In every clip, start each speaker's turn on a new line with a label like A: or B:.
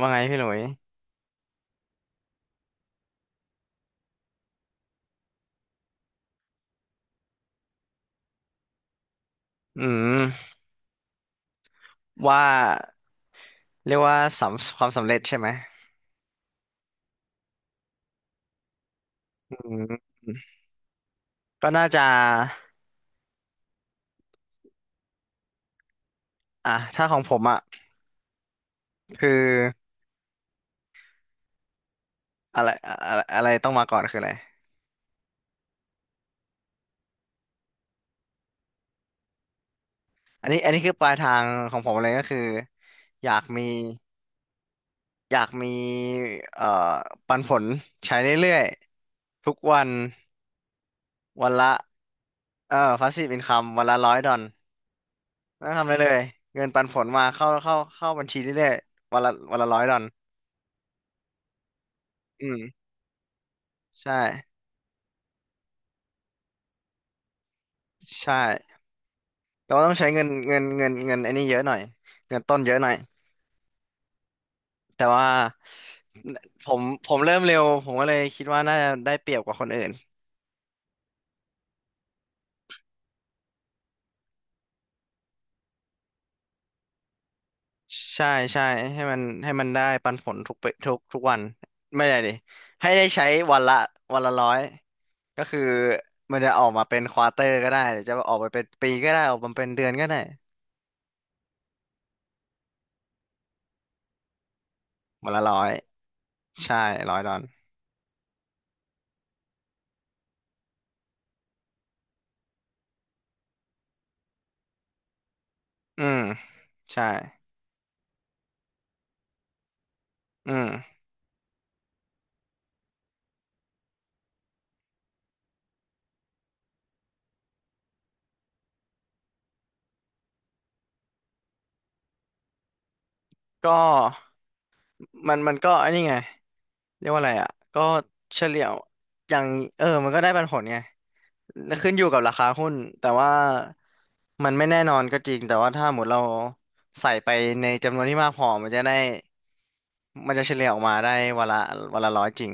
A: ว่าไงพี่หลุยอืมว่าเรียกว่าสำความสำเร็จใช่ไหมอืมก็น่าจะอ่ะถ้าของผมอ่ะคืออะไรอะไรอะไรต้องมาก่อนคืออะไรอันนี้คือปลายทางของผมเลยก็คืออยากมีอยากมีเอ่อปันผลใช้เรื่อยๆทุกวันวันละพาสซีฟอินคัมวันละร้อยดอลไม่ต้องทำอะไรเลยเงินปันผลมาเข้าบัญชีเรื่อยๆวันละร้อยดอลอืมใช่ใช่ แต่ว่าต้องใช้เงินไอ้นี่เยอะหน่อยเงินต้นเยอะหน่อยแต่ว่าผมเริ่มเร็วผมก็เลยคิดว่าน่าจะได้เปรียบกว่าคนอื่นใช่ใช่ให้มันได้ปันผลทุกปทุกทุกวันไม่ได้ดิให้ได้ใช้วันละวันละร้อยก็คือมันจะออกมาเป็นควอเตอร์ก็ได้หรือจะออกไปเป็นปีก็ได้ออกมาเป็นเดือนก็ได้วันละร้อยใช่ร้อยดอลอืมใช่อืมก็มันก็ไอันนี้ไง เรียกว่าอะไรอ่ะก็เฉลี่ยวอย่างมันก็ได้ปันผลไงขึ้นอยู่กับราคาหุ้น แต่ว่ามันไม่แน่นอนก็จริง แต่ว่าถ้าหมดเราใส่ไปในจำนวนที่มากพอมันจะได้ มันจะเฉลี่ยออกมาได้วันละร้อยจริง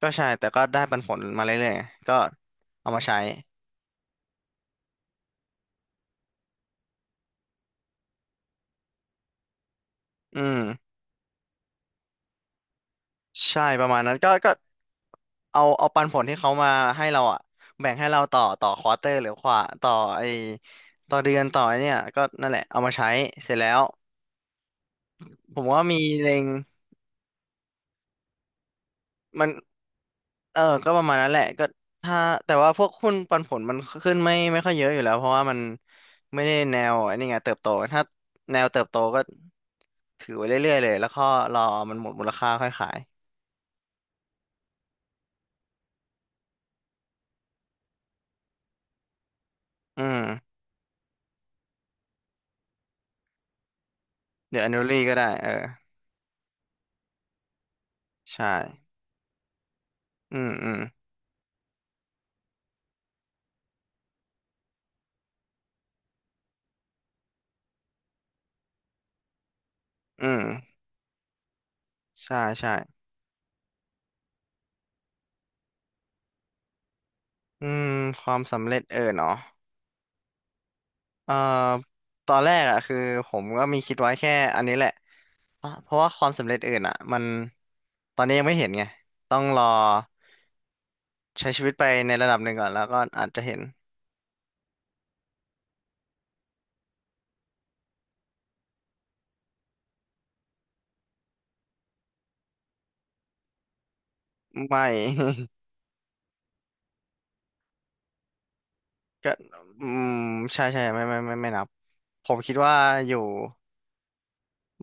A: ก็ใช่แต่ก็ได้ปันผลมาเรื่อยๆไงก็เอามาใช้อืมใช่ประมาณนั้นก็เอาปันผลที่เขามาให้เราอ่ะแบ่งให้เราต่อควอเตอร์หรือขวาต่อไอต่อเดือนต่อไอ้เนี่ยก็นั่นแหละเอามาใช้เสร็จแล้ว ผมว่ามีเล็งมันก็ประมาณนั้นแหละก็ถ้าแต่ว่าพวกหุ้นปันผลมันขึ้นไม่ค่อยเยอะอยู่แล้วเพราะว่ามันไม่ได้แนวไอ้นี่ไงเติบโตถ้าแนวเติบโตก็ถือไว้เรื่อยๆเลยแล้วก็รอมันหมดมูลค่าค่อยขายอืมเดี๋ยว annually ก็ได้เออใช่อืมอืมอืมใช่ใช่อืมความสำเร็จเออเนาะเอ่อตอนแรกอ่ะคือผมก็มีคิดไว้แค่อันนี้แหละ อ่ะเพราะว่าความสำเร็จอื่นอ่ะมันตอนนี้ยังไม่เห็นไงต้องรอใช้ชีวิตไปในระดับหนึ่งก่อนแล้วก็อาจจะเห็นไม่ ก็อืมใช่ใช่ไม่นับผมคิดว่าอยู่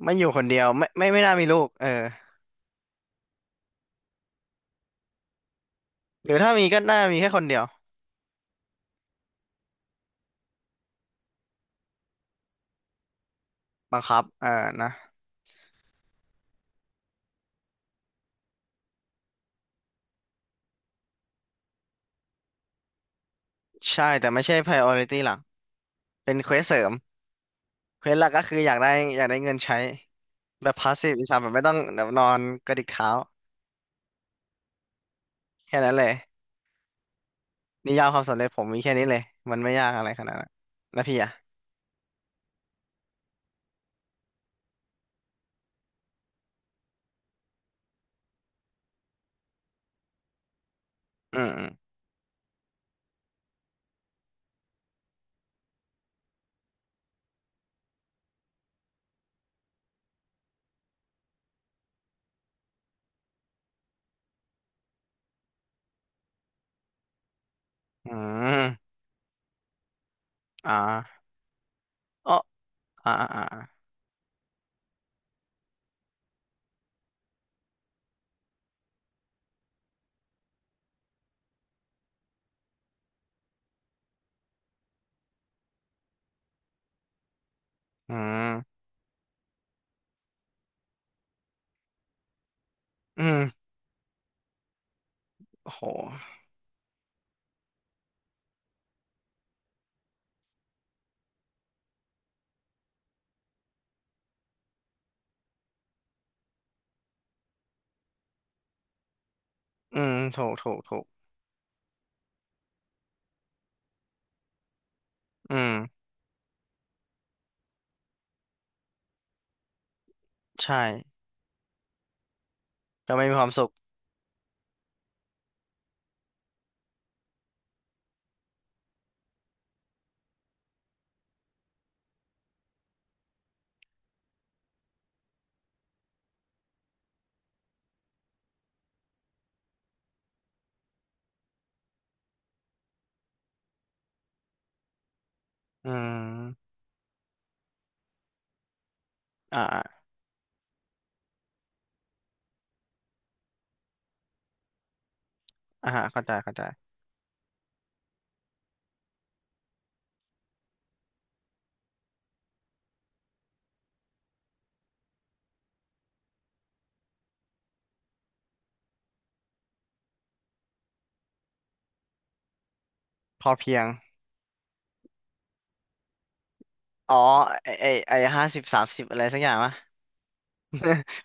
A: ไม่อยู่คนเดียวไม่น่ามีลูกเออหรือถ้ามีก็น่ามีแค่คนเดียวบังคับเออนะใช่แต่ไม่ใช่ priority หลักเป็นเควสเสริมเควสหลักก็คืออยากได้เงินใช้แบบ passive income แบบไม่ต้องแบบนอนกระดิกเท้าแค่นั้นเลย นิยามความสำเร็จผมมีแค่นี้เลยมันไม่ยากอะไรขนาดนั้นแล้วพี่อ่ะอืมอืมอืมอ่าอ๋ออ่าอ่าอาอืมอืมโหอืมถูกอืมใช่ก็ไม่มีความสุขอืมอ่าอ่าอ่าเข้าใจเข้าใจพอเพียงอ๋อไอห้าสิบสามสิบอะไรสักอย่างวะ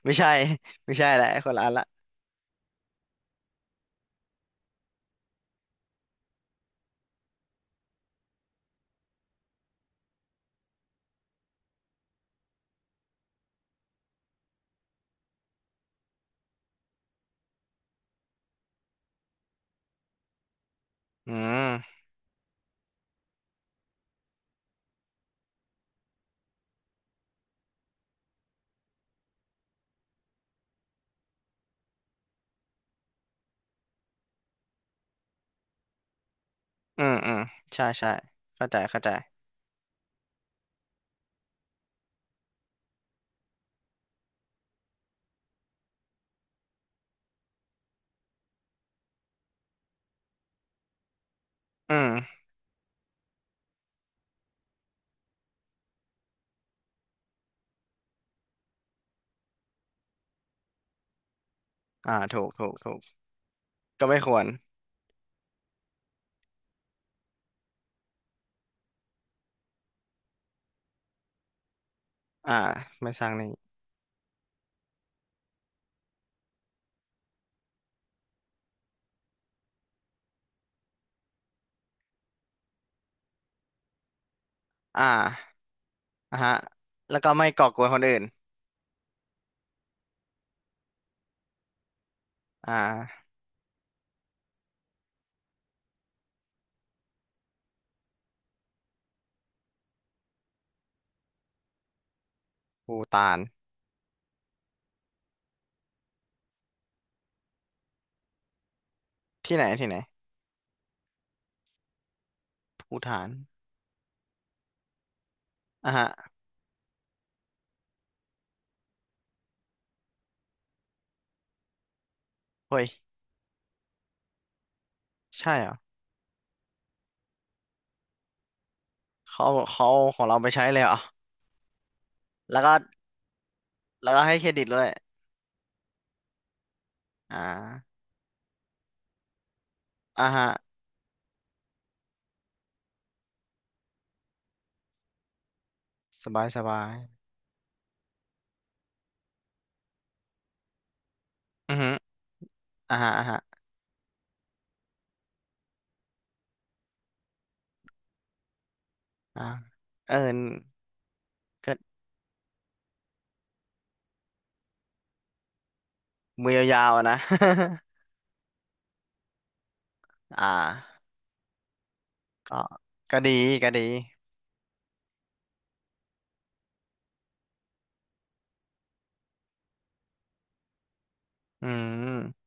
A: ไม่ใช่ ไม่ใช่แหละคนละอันละอืมอืมใช่ใช่เข้าใจเข้าใจอืมอ่าถูกก็ไม่ควรอ่าไม่สร้างหนี้อ่า อ่ะฮะ แล้วก็ไม่ก่อกวนคนอื่นอ่าภูฏานที่ไหนที่ไหนภูฏานอ่ะฮะเฮ้ยใช่เหรอเขาเขาเอาของเราไปใช้เลยเหรอแล้วก็แล้วก็ให้เครดิตด้วยอ่าอ่ะฮะสบายสบายอือฮึอ่ะฮะอ่ะฮะอ่าเออก็มือยาวๆอะนะ อ่าก็ก็ดีก็ดี อืม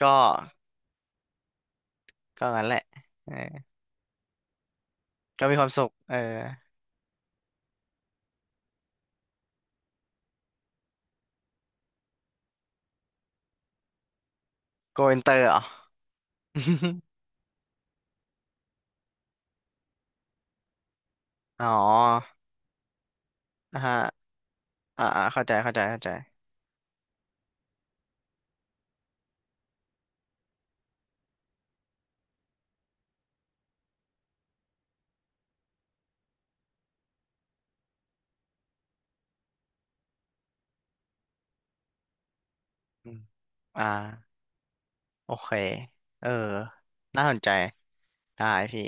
A: ก็งั้นแหละเออก็มีความสุขเออโกอินเตอร์เหรอ อ๋ออ่ะฮะ เข้าใจเข้าใจเข้าใจอืมอ่าโอเค เออน่าสนใจ ได้พี่